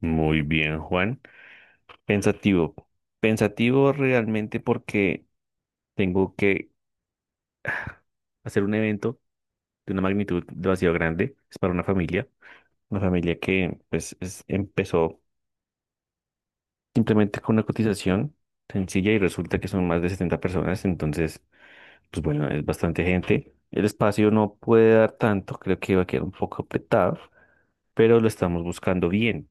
Muy bien, Juan. Pensativo. Pensativo realmente porque tengo que hacer un evento de una magnitud demasiado grande. Es para una familia. Una familia que pues empezó simplemente con una cotización sencilla y resulta que son más de 70 personas. Entonces pues bueno, es bastante gente. El espacio no puede dar tanto, creo que va a quedar un poco apretado, pero lo estamos buscando bien.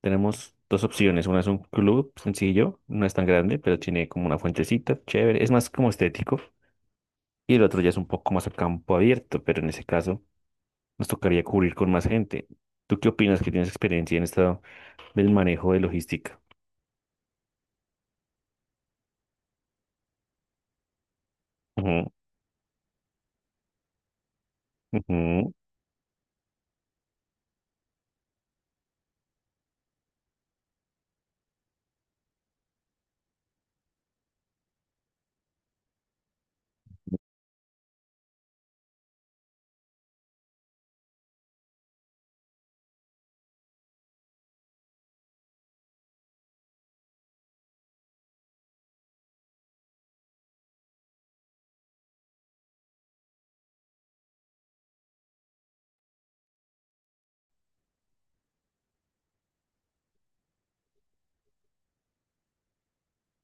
Tenemos dos opciones, una es un club sencillo, no es tan grande, pero tiene como una fuentecita, chévere, es más como estético, y el otro ya es un poco más a campo abierto, pero en ese caso nos tocaría cubrir con más gente. ¿Tú qué opinas, que tienes experiencia en esto del manejo de logística? Ujú, ujú.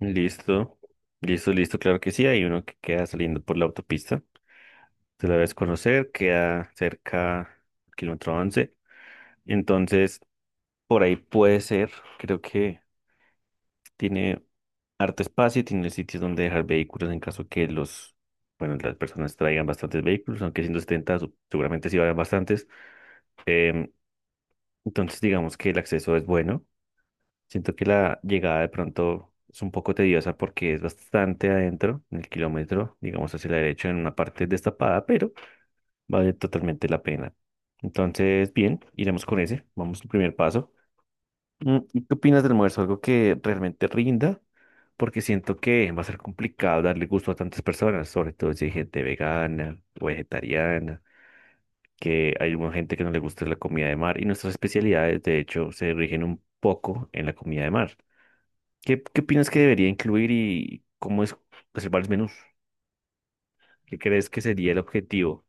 Listo, listo, listo, claro que sí, hay uno que queda saliendo por la autopista. Tú la debes conocer, queda cerca del kilómetro 11. Entonces, por ahí puede ser. Creo que tiene harto espacio y tiene sitios donde dejar vehículos en caso que los, bueno, las personas traigan bastantes vehículos, aunque 170 seguramente sí vayan bastantes. Em, entonces, digamos que el acceso es bueno. Siento que la llegada de pronto es un poco tediosa porque es bastante adentro, en el kilómetro, digamos hacia la derecha, en una parte destapada. Vale totalmente la pena. Entonces, bien, iremos con ese. Vamos al primer paso. ¿Qué opinas del almuerzo? ¿Algo que realmente rinda? Porque siento que va a ser complicado darle gusto a tantas personas, sobre todo si hay gente vegana o vegetariana, que hay mucha gente que no le gusta la comida de mar, y nuestras especialidades, de hecho, se rigen un poco en la comida de mar. ¿Qué, qué opinas que debería incluir y cómo es reservar los menús? ¿Qué crees que sería el objetivo?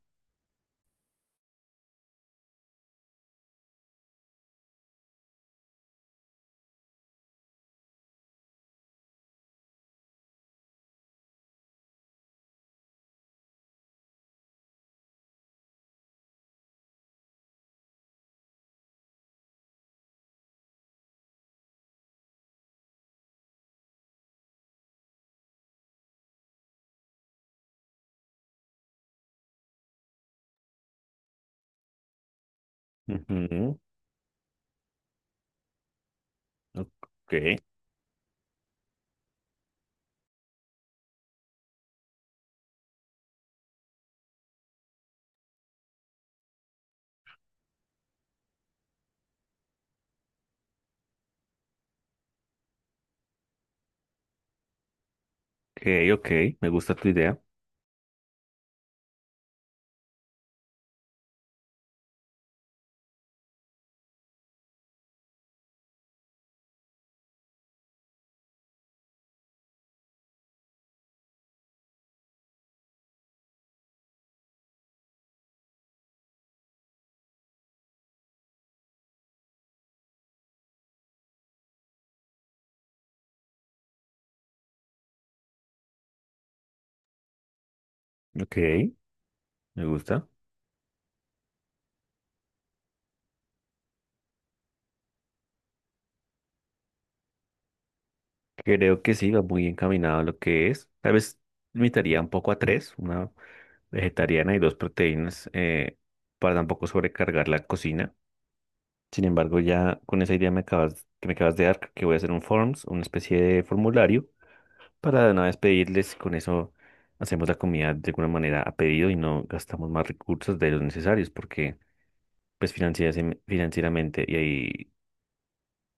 Ujú. Ok. Ok, ok, me gusta tu idea. Ok, me gusta. Creo que sí, va muy encaminado a lo que es. Tal vez limitaría un poco a tres, una vegetariana y dos proteínas, para tampoco sobrecargar la cocina. Sin embargo, ya con esa idea que me acabas de dar, creo que voy a hacer un forms, una especie de formulario, para de una vez pedirles, con eso hacemos la comida de alguna manera a pedido y no gastamos más recursos de los necesarios, porque pues financieramente y ahí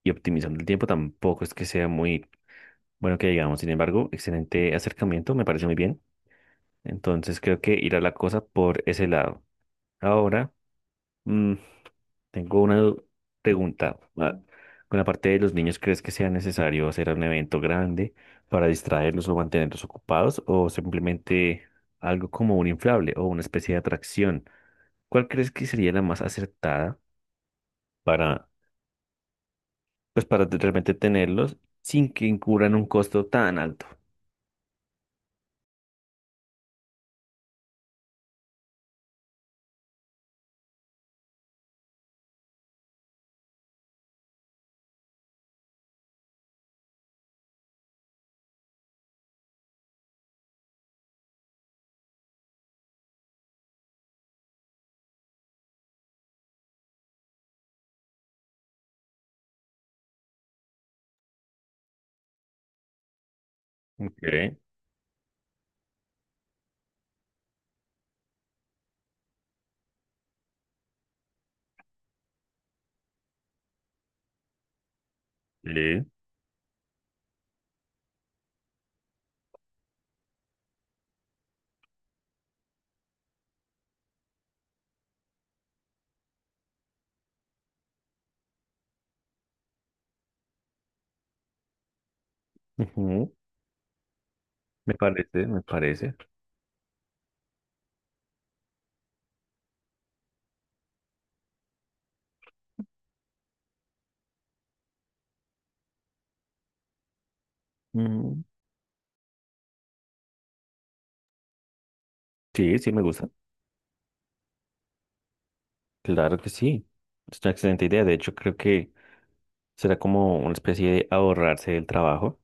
y optimizando el tiempo tampoco es que sea muy bueno que digamos. Sin embargo, excelente acercamiento, me parece muy bien. Entonces creo que irá la cosa por ese lado. Ahora, mm, tengo una pregunta. Con la parte de los niños, ¿crees que sea necesario hacer un evento grande para distraerlos o mantenerlos ocupados, o simplemente algo como un inflable o una especie de atracción? ¿Cuál crees que sería la más acertada para, pues, para realmente tenerlos sin que incurran un costo tan alto? Ok, sí, ujú. Me parece, me parece. Ujú. Sí, sí, me gusta. Claro que sí. Es una excelente idea. De hecho, creo que será como una especie de ahorrarse del trabajo,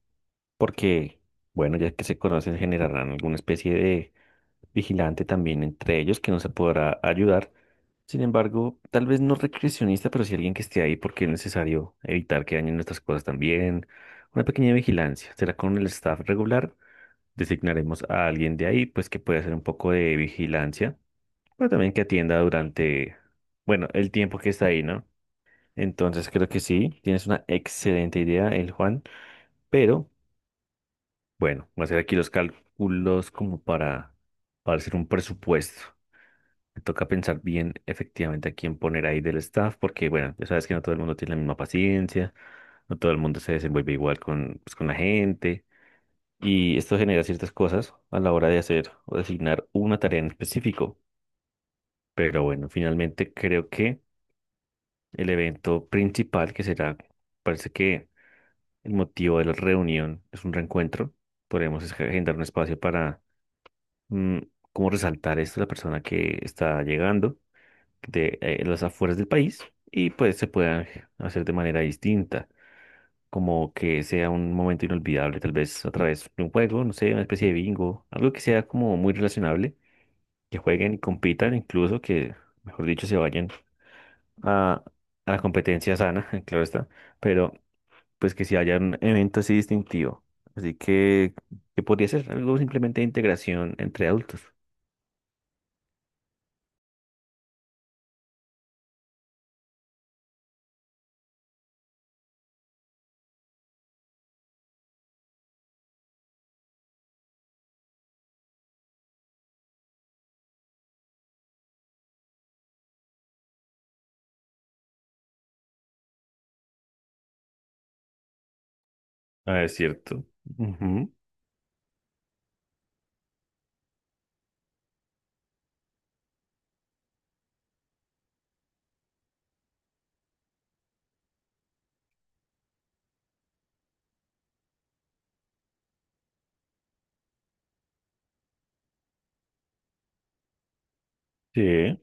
porque, bueno, ya que se conocen, generarán alguna especie de vigilante también entre ellos que nos podrá ayudar. Sin embargo, tal vez no recreacionista, pero sí alguien que esté ahí, porque es necesario evitar que dañen nuestras cosas también. Una pequeña vigilancia. Será con el staff regular. Designaremos a alguien de ahí, pues, que pueda hacer un poco de vigilancia, pero también que atienda durante, bueno, el tiempo que está ahí, ¿no? Entonces creo que sí, tienes una excelente idea, el Juan, pero bueno, voy a hacer aquí los cálculos como para hacer un presupuesto. Me toca pensar bien efectivamente a quién poner ahí del staff, porque bueno, ya sabes que no todo el mundo tiene la misma paciencia, no todo el mundo se desenvuelve igual con, pues, con la gente. Y esto genera ciertas cosas a la hora de hacer o designar una tarea en específico. Pero bueno, finalmente creo que el evento principal que será, parece que el motivo de la reunión es un reencuentro. Podemos agendar un espacio para mm, como resaltar esto a la persona que está llegando de las afueras del país, y pues se puedan hacer de manera distinta. Como que sea un momento inolvidable, tal vez a través de un juego, no sé, una especie de bingo, algo que sea como muy relacionable, que jueguen y compitan, incluso que, mejor dicho, se vayan a, a la competencia sana, claro está, pero pues que si haya un evento así distintivo. Así que podría ser algo simplemente de integración entre adultos. Ah, es cierto. Ujú. Sí,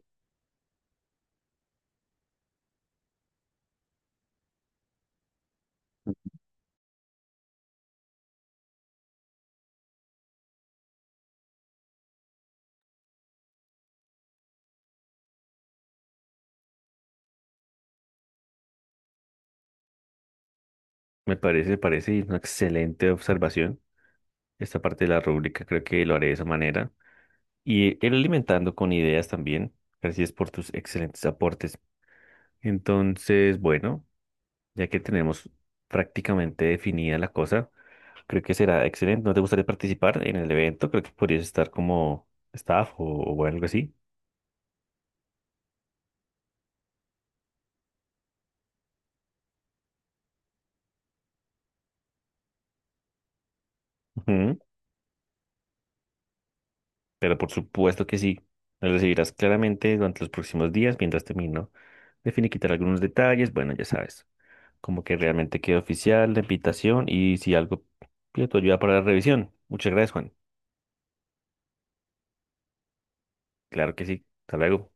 parece una excelente observación esta parte de la rúbrica. Creo que lo haré de esa manera. Y ir alimentando con ideas también. Gracias por tus excelentes aportes. Entonces, bueno. Ya que tenemos prácticamente definida la cosa, creo que será excelente. ¿No te gustaría participar en el evento? Creo que podrías estar como staff, o algo así. Ujú. Pero por supuesto que sí. Lo recibirás claramente durante los próximos días mientras termino de finiquitar algunos detalles. Bueno, ya sabes, como que realmente quede oficial la invitación, y si algo pido tu ayuda para la revisión. Muchas gracias, Juan. Claro que sí. Hasta luego.